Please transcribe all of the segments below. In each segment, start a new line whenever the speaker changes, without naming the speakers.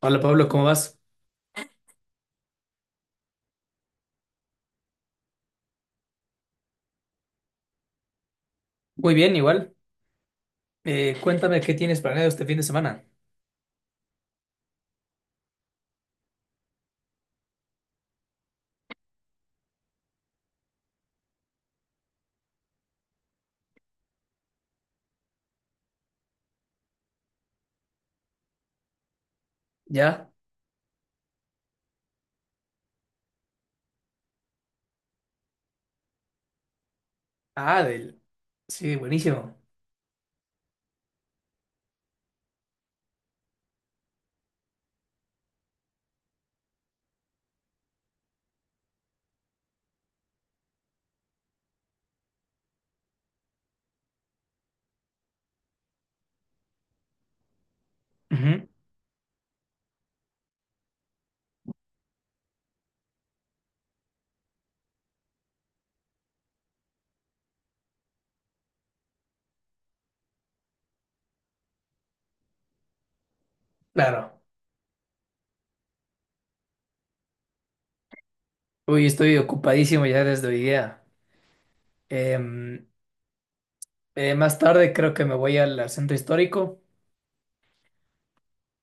Hola Pablo, ¿cómo vas? Muy bien, igual. Cuéntame qué tienes planeado este fin de semana. ¿Ya? Ah, Sí, buenísimo. Ujú. Claro. Uy, estoy ocupadísimo ya desde hoy día. Em, Más tarde creo que me voy al centro histórico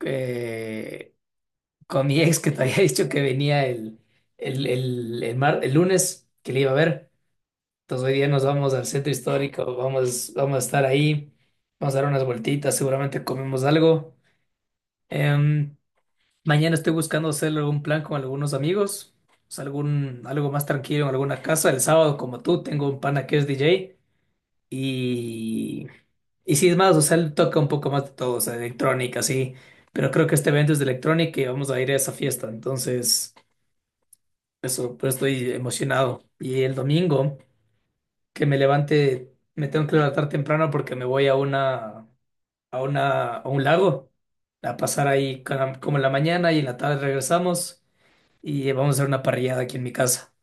eh, con mi ex, que te había dicho que venía el lunes, que le iba a ver. Entonces hoy día nos vamos al centro histórico, vamos a estar ahí, vamos a dar unas vueltitas, seguramente comemos algo. Em, Mañana estoy buscando hacer algún plan con algunos amigos, o sea, algo más tranquilo en alguna casa. El sábado, como tú, tengo un pana que es DJ, y, y sí, es más, o sea, él toca un poco más de todo, o sea, de electrónica, sí, pero creo que este evento es de electrónica y vamos a ir a esa fiesta. Entonces, eso, pero estoy emocionado. Y el domingo, que me levante, me tengo que levantar temprano porque me voy a un lago, a pasar ahí como en la mañana, y en la tarde regresamos y vamos a hacer una parrillada aquí en mi casa.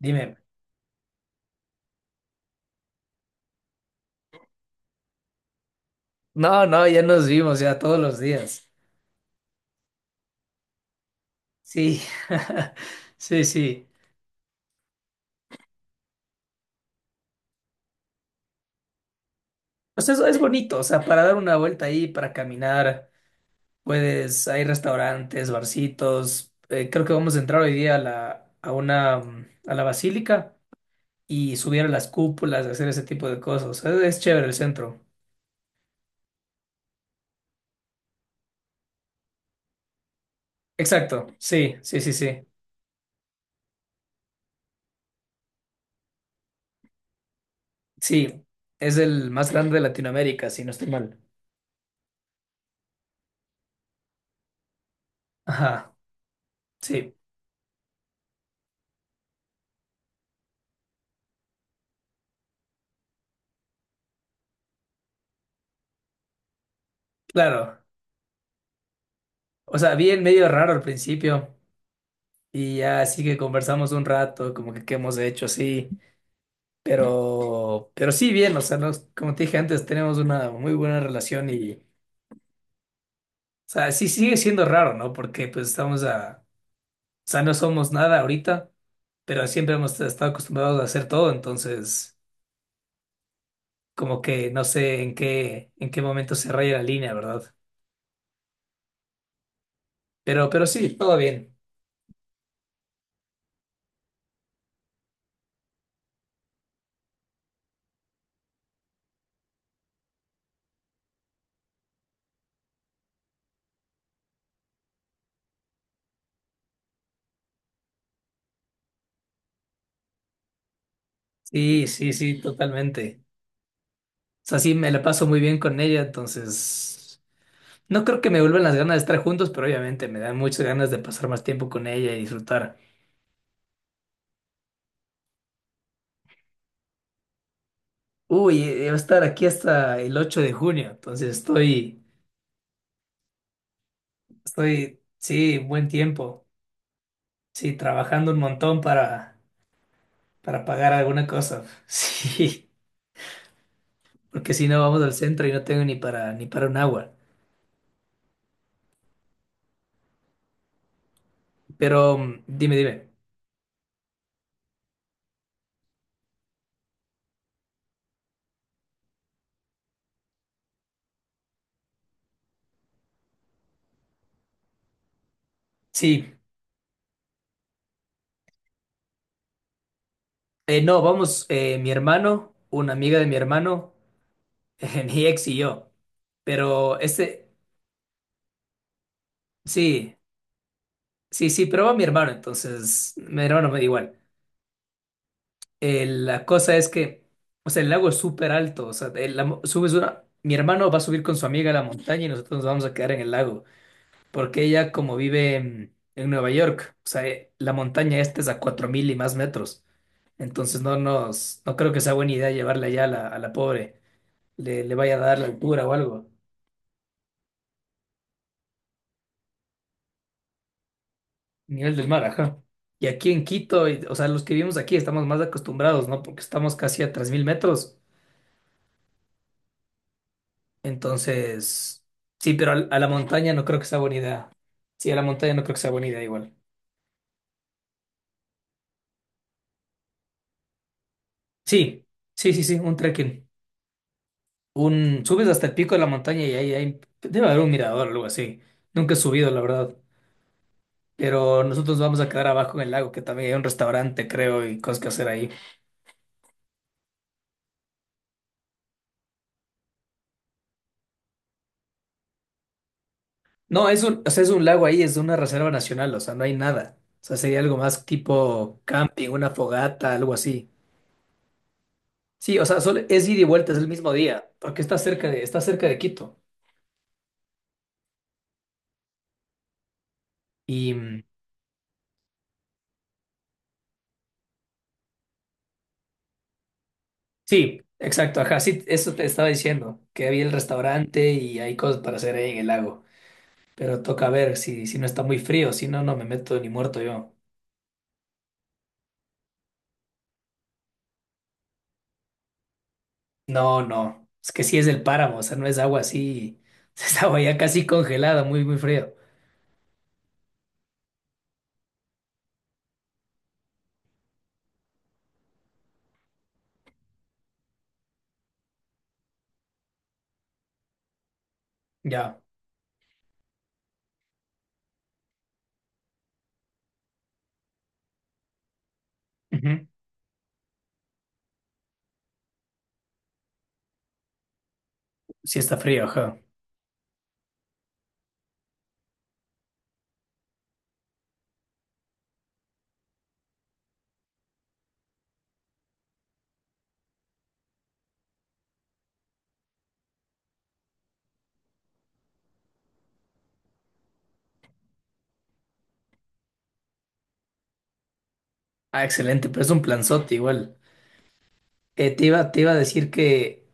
Dime. No, no, ya nos vimos ya todos los días. Sí, sí, sí. O sea, eso es bonito, o sea, para dar una vuelta ahí, para caminar, puedes, hay restaurantes, barcitos. Creo que vamos a entrar hoy día a la basílica y subir a las cúpulas, hacer ese tipo de cosas. O sea, es chévere el centro. Exacto, sí, sí, sí, sí. Sí, es el más grande de Latinoamérica, si no estoy mal. Ajá, sí, claro. O sea, bien, medio raro al principio, y ya, así que conversamos un rato, como que qué hemos hecho así, pero sí, bien. O sea, como te dije antes, tenemos una muy buena relación. Y, o sea, sí, sigue siendo raro, ¿no? Porque pues estamos a, o sea, no somos nada ahorita, pero siempre hemos estado acostumbrados a hacer todo. Entonces, como que no sé en qué, momento se raya la línea, ¿verdad? Pero sí, todo bien. Sí, sí, sí, totalmente. O sea, sí, me la paso muy bien con ella, entonces. No creo que me vuelvan las ganas de estar juntos, pero obviamente me dan muchas ganas de pasar más tiempo con ella y disfrutar. Uy, va a estar aquí hasta el 8 de junio. Entonces estoy, sí, buen tiempo, sí, trabajando un montón para, pagar alguna cosa, sí, porque si no vamos al centro y no tengo ni para, un agua. Pero dime, dime. Sí, no, vamos, mi hermano, una amiga de mi hermano, mi ex y yo, pero ese, sí. Sí, sí, pero va mi hermano, entonces mi hermano me da igual. La cosa es que, o sea, el lago es súper alto. O sea, mi hermano va a subir con su amiga a la montaña, y nosotros nos vamos a quedar en el lago, porque ella, como vive en Nueva York, o sea, la montaña esta es a 4.000 y más metros. Entonces no creo que sea buena idea llevarla allá, a la, pobre, le, vaya a dar la altura o algo. Nivel del mar, ajá. Y aquí en Quito, o sea, los que vivimos aquí estamos más acostumbrados, ¿no? Porque estamos casi a 3.000 metros. Entonces, sí, pero la montaña no creo que sea buena idea. Sí, a la montaña no creo que sea buena idea, igual. Sí, sí, sí, sí, un trekking. Un, subes hasta el pico de la montaña, y ahí, debe haber un mirador o algo así. Nunca he subido, la verdad. Pero nosotros vamos a quedar abajo en el lago, que también hay un restaurante, creo, y cosas que hacer ahí. No, es un, o sea, es un lago ahí, es una reserva nacional, o sea, no hay nada. O sea, sería algo más tipo camping, una fogata, algo así. Sí, o sea, solo es ida y vuelta, es el mismo día, porque está cerca de Quito. Y sí, exacto, ajá, sí, eso te estaba diciendo, que había el restaurante y hay cosas para hacer ahí en el lago, pero toca ver si, no está muy frío. Si no, no me meto ni muerto yo. No, no, es que sí es del páramo, o sea, no es agua así, es agua ya casi congelada, muy, muy frío. Ya. Ujú. Sí, está frío, ajá. Ah, excelente, pero es un planzote igual. Te iba, a decir que,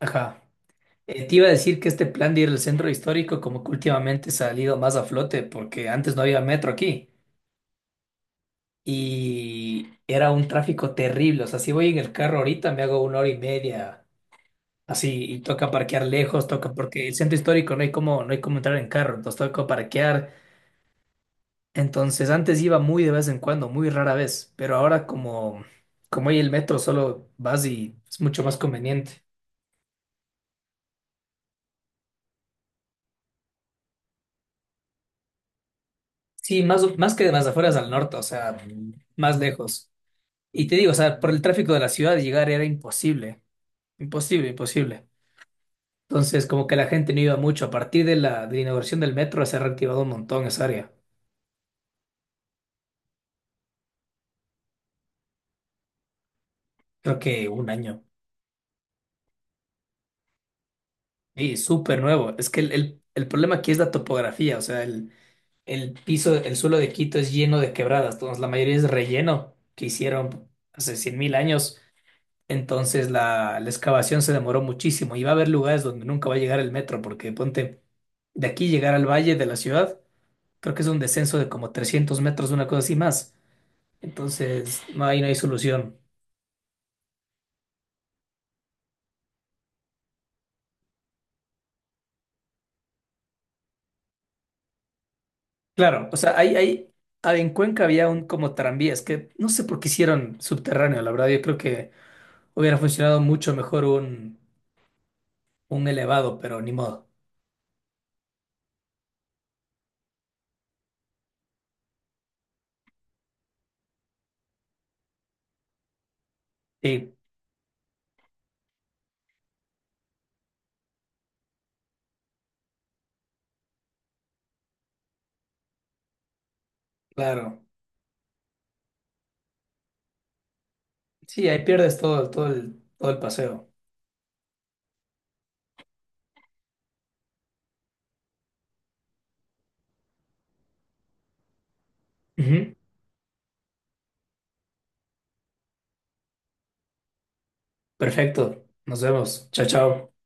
ajá, te iba a decir que este plan de ir al centro histórico, como que últimamente ha salido más a flote porque antes no había metro aquí. Y era un tráfico terrible. O sea, si voy en el carro ahorita me hago una hora y media, así, y toca parquear lejos. Toca, porque el centro histórico no hay como, no hay como entrar en carro, entonces toca parquear. Entonces antes iba muy de vez en cuando, muy rara vez, pero ahora, como, como hay el metro, solo vas y es mucho más conveniente. Sí, más, que de las afueras, al norte, o sea, más lejos. Y te digo, o sea, por el tráfico de la ciudad llegar era imposible, imposible, imposible. Entonces, como que la gente no iba mucho. A partir de la, inauguración del metro se ha reactivado un montón esa área. Creo que un año. Y súper nuevo. Es que el problema aquí es la topografía. O sea, el, piso, el suelo de Quito es lleno de quebradas. Entonces la mayoría es relleno que hicieron hace 100.000 años. Entonces la, excavación se demoró muchísimo. Y va a haber lugares donde nunca va a llegar el metro, porque ponte, de aquí llegar al valle de la ciudad, creo que es un descenso de como 300 metros, una cosa así, más. Entonces, no, ahí no hay solución. Claro, o sea, hay, ah, en Cuenca había un como tranvías que no sé por qué hicieron subterráneo, la verdad. Yo creo que hubiera funcionado mucho mejor un, elevado, pero ni modo. Sí, claro. Sí, ahí pierdes todo, todo el paseo. Ujú. Perfecto, nos vemos. Chao, chao.